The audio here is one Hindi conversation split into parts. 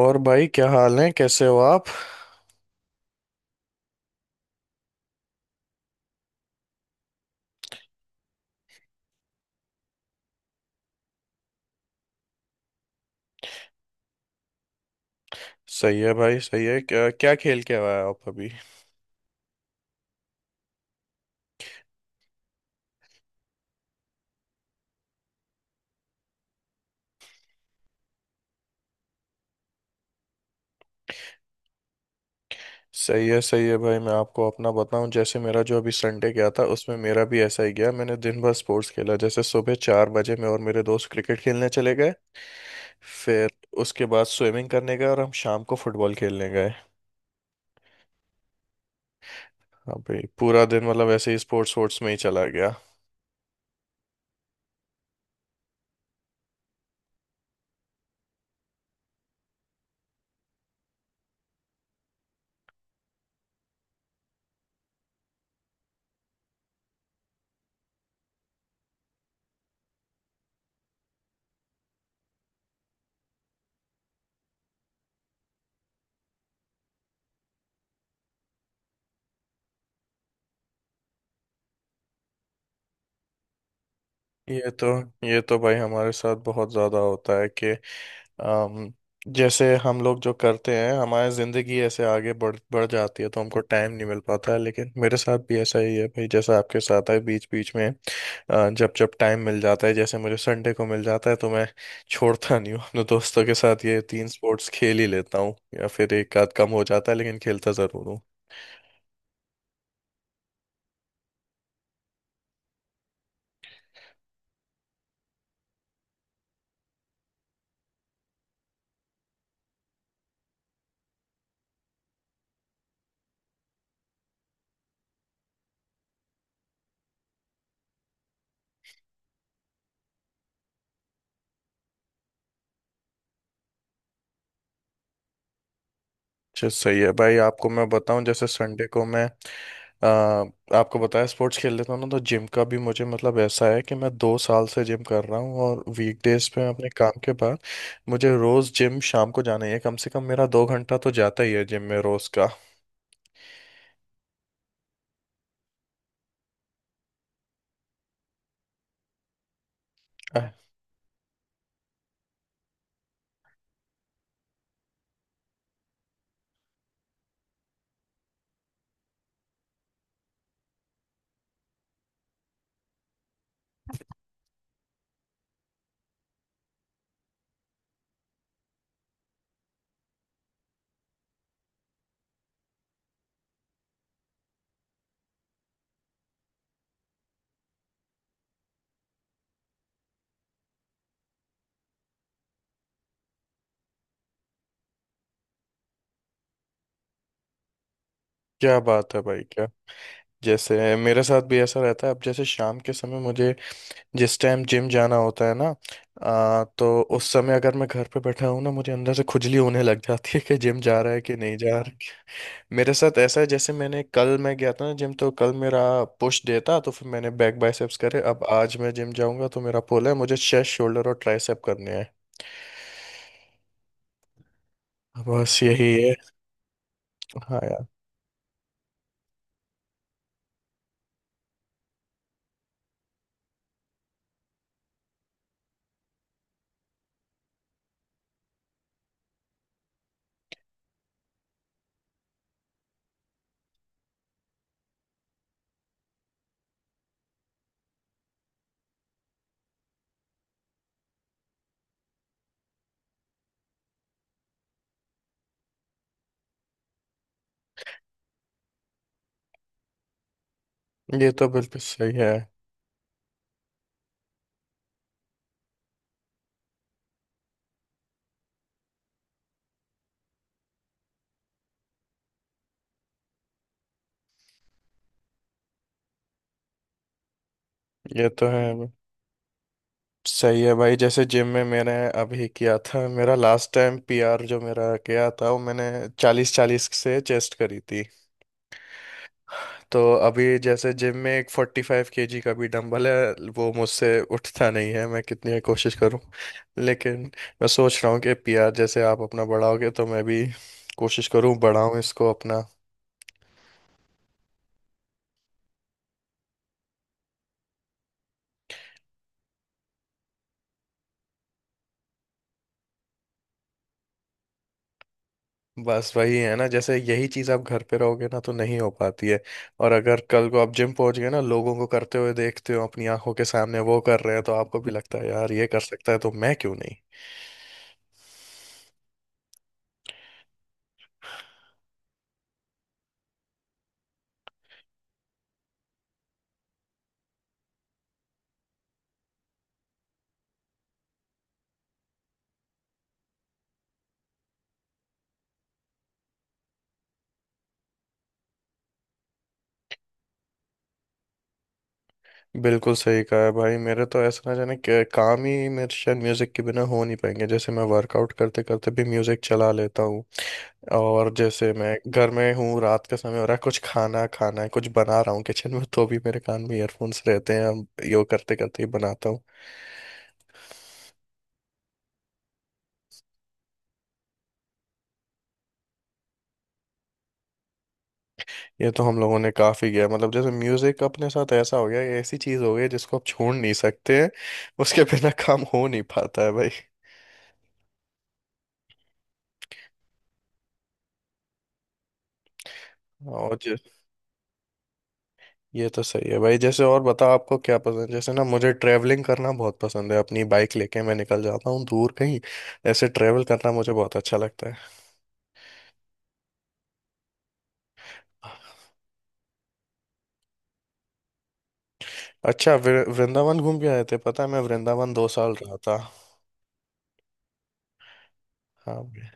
और भाई, क्या हाल है? कैसे हो आप? सही है भाई, सही है। क्या क्या खेल के आया आप अभी? सही है, सही है भाई। मैं आपको अपना बताऊं, जैसे मेरा जो अभी संडे गया था उसमें मेरा भी ऐसा ही गया। मैंने दिन भर स्पोर्ट्स खेला। जैसे सुबह 4 बजे मैं और मेरे दोस्त क्रिकेट खेलने चले गए। फिर उसके बाद स्विमिंग करने गए और हम शाम को फुटबॉल खेलने गए। अभी पूरा दिन मतलब ऐसे ही स्पोर्ट्स स्पोर्ट्स में ही चला गया। ये तो ये तो भाई, हमारे साथ बहुत ज़्यादा होता है कि अम, जैसे हम लोग जो करते हैं, हमारी ज़िंदगी ऐसे आगे बढ़ बढ़ जाती है, तो हमको टाइम नहीं मिल पाता है। लेकिन मेरे साथ भी ऐसा ही है भाई, जैसा आपके साथ है। बीच बीच में जब जब टाइम मिल जाता है, जैसे मुझे संडे को मिल जाता है, तो मैं छोड़ता नहीं हूँ। अपने दोस्तों के साथ ये तीन स्पोर्ट्स खेल ही लेता हूँ, या फिर एक आध कम हो जाता है, लेकिन खेलता ज़रूर हूँ। अच्छा, सही है भाई। आपको मैं बताऊं, जैसे संडे को मैं आ, आपको बताया स्पोर्ट्स खेल लेता हूँ ना, तो जिम का भी मुझे मतलब ऐसा है कि मैं 2 साल से जिम कर रहा हूँ, और वीकडेज पे मैं अपने काम के बाद मुझे रोज जिम शाम को जाना ही है। कम से कम मेरा 2 घंटा तो जाता ही है जिम में रोज का। आह, क्या बात है भाई, क्या! जैसे मेरे साथ भी ऐसा रहता है। अब जैसे शाम के समय मुझे जिस टाइम जिम जाना होता है ना, तो उस समय अगर मैं घर पे बैठा हूँ ना, मुझे अंदर से खुजली होने लग जाती है कि जिम जा रहा है कि नहीं जा। मेरे साथ ऐसा है, जैसे मैंने कल मैं गया था ना जिम, तो कल मेरा पुश डे था, तो फिर मैंने बैक बाइसेप्स करे। अब आज मैं जिम जाऊंगा तो मेरा पुल है, मुझे चेस्ट, शोल्डर और ट्राइसेप करने हैं। बस यही है। हाँ यार, ये तो बिल्कुल सही है। ये तो है। सही है भाई, जैसे जिम में मैंने अभी किया था, मेरा लास्ट टाइम पीआर जो मेरा गया था, वो मैंने 40 40 से चेस्ट करी थी। तो अभी जैसे जिम में एक 45 kg का भी डंबल है, वो मुझसे उठता नहीं है, मैं कितनी कोशिश करूं। लेकिन मैं सोच रहा हूँ कि पीआर जैसे आप अपना बढ़ाओगे, तो मैं भी कोशिश करूँ, बढ़ाऊँ इसको अपना। बस वही है ना, जैसे यही चीज़ आप घर पे रहोगे ना तो नहीं हो पाती है। और अगर कल को आप जिम पहुंच गए ना, लोगों को करते हुए देखते हो अपनी आंखों के सामने, वो कर रहे हैं तो आपको भी लगता है, यार, ये कर सकता है तो मैं क्यों नहीं। बिल्कुल सही कहा है भाई। मेरे तो ऐसा, ना जाने काम ही मेरे शायद म्यूजिक के बिना हो नहीं पाएंगे। जैसे मैं वर्कआउट करते करते भी म्यूजिक चला लेता हूँ। और जैसे मैं घर में हूँ, रात का समय हो रहा है, कुछ खाना खाना है, कुछ बना रहा हूँ किचन में, तो भी मेरे कान में ईयरफोन्स रहते हैं। हम यो करते करते ही बनाता हूँ। ये तो हम लोगों ने काफी किया है। मतलब जैसे म्यूजिक अपने साथ ऐसा हो गया, ये ऐसी चीज हो गई है जिसको आप छोड़ नहीं सकते हैं। उसके बिना काम हो नहीं पाता है भाई। और ये तो सही है भाई। जैसे और बता, आपको क्या पसंद है? जैसे ना, मुझे ट्रैवलिंग करना बहुत पसंद है। अपनी बाइक लेके मैं निकल जाता हूँ दूर कहीं। ऐसे ट्रैवल करना मुझे बहुत अच्छा लगता है। अच्छा, वृंदावन घूम के आए थे? पता है, मैं वृंदावन दो साल रहा था। हाँ भाई,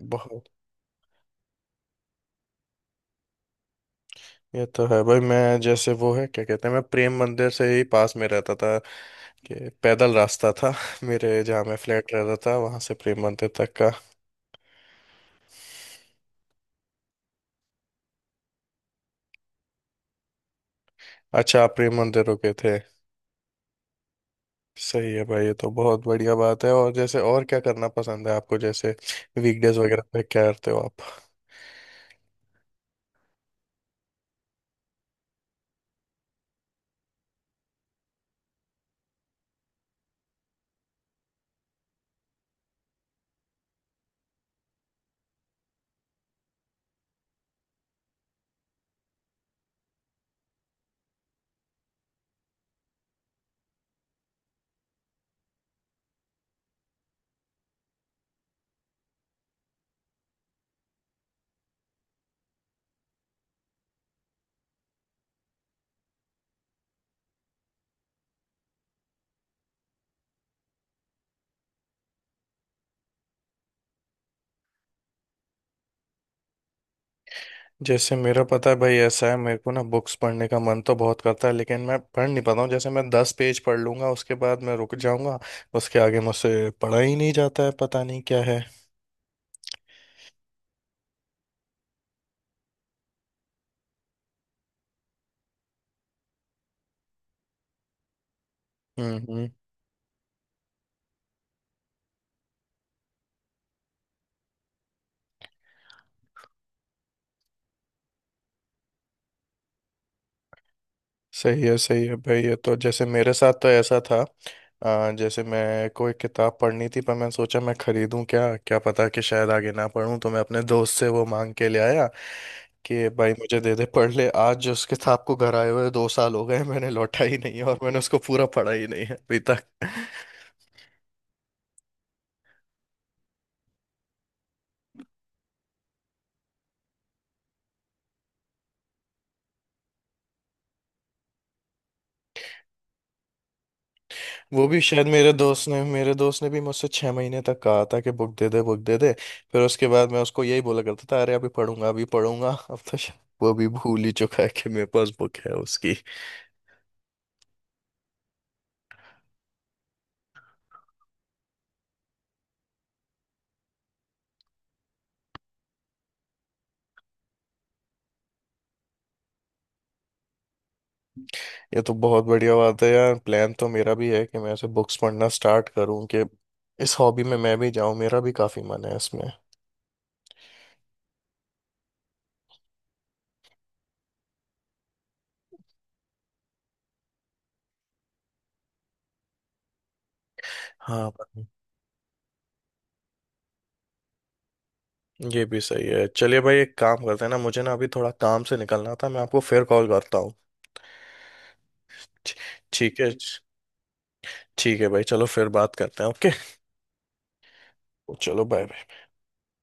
बहुत। ये तो है भाई, मैं जैसे वो है क्या कहते हैं, मैं प्रेम मंदिर से ही पास में रहता था। कि पैदल रास्ता था मेरे, जहाँ मैं फ्लैट रहता था वहां से प्रेम मंदिर तक का। अच्छा, आप प्रेम मंदिर रुके थे? सही है भाई, ये तो बहुत बढ़िया बात है। और जैसे, और क्या करना पसंद है आपको? जैसे वीकडेज वगैरह पे क्या करते हो आप? जैसे मेरा, पता है भाई, ऐसा है, मेरे को ना बुक्स पढ़ने का मन तो बहुत करता है, लेकिन मैं पढ़ नहीं पाता हूँ। जैसे मैं 10 पेज पढ़ लूंगा, उसके बाद मैं रुक जाऊंगा। उसके आगे मुझसे पढ़ा ही नहीं जाता है, पता नहीं क्या है। हम्म, हम्म। सही है, सही है भाई। ये तो, जैसे मेरे साथ तो ऐसा था, जैसे मैं, कोई किताब पढ़नी थी, पर मैं सोचा मैं खरीदूं क्या, क्या पता कि शायद आगे ना पढूं, तो मैं अपने दोस्त से वो मांग के ले आया। कि भाई मुझे दे दे, पढ़ ले आज, जो उसके साथ को घर आए हुए 2 साल हो गए, मैंने लौटा ही नहीं है और मैंने उसको पूरा पढ़ा ही नहीं है अभी तक। वो भी शायद, मेरे दोस्त ने भी मुझसे 6 महीने तक कहा था कि बुक दे दे, बुक दे दे। फिर उसके बाद मैं उसको यही बोला करता था, अरे अभी पढ़ूंगा, अभी पढ़ूंगा। अब तो शायद वो भी भूल ही चुका है कि मेरे पास बुक है उसकी। ये तो बहुत बढ़िया बात है यार। प्लान तो मेरा भी है कि मैं ऐसे बुक्स पढ़ना स्टार्ट करूं, कि इस हॉबी में मैं भी जाऊं। मेरा भी काफी मन है इसमें। हाँ, ये भी सही है। चलिए भाई, एक काम करते हैं ना, मुझे ना अभी थोड़ा काम से निकलना था, मैं आपको फिर कॉल करता हूँ। ठी- ठीक है। ठीक है भाई, चलो फिर बात करते हैं। ओके, चलो बाय।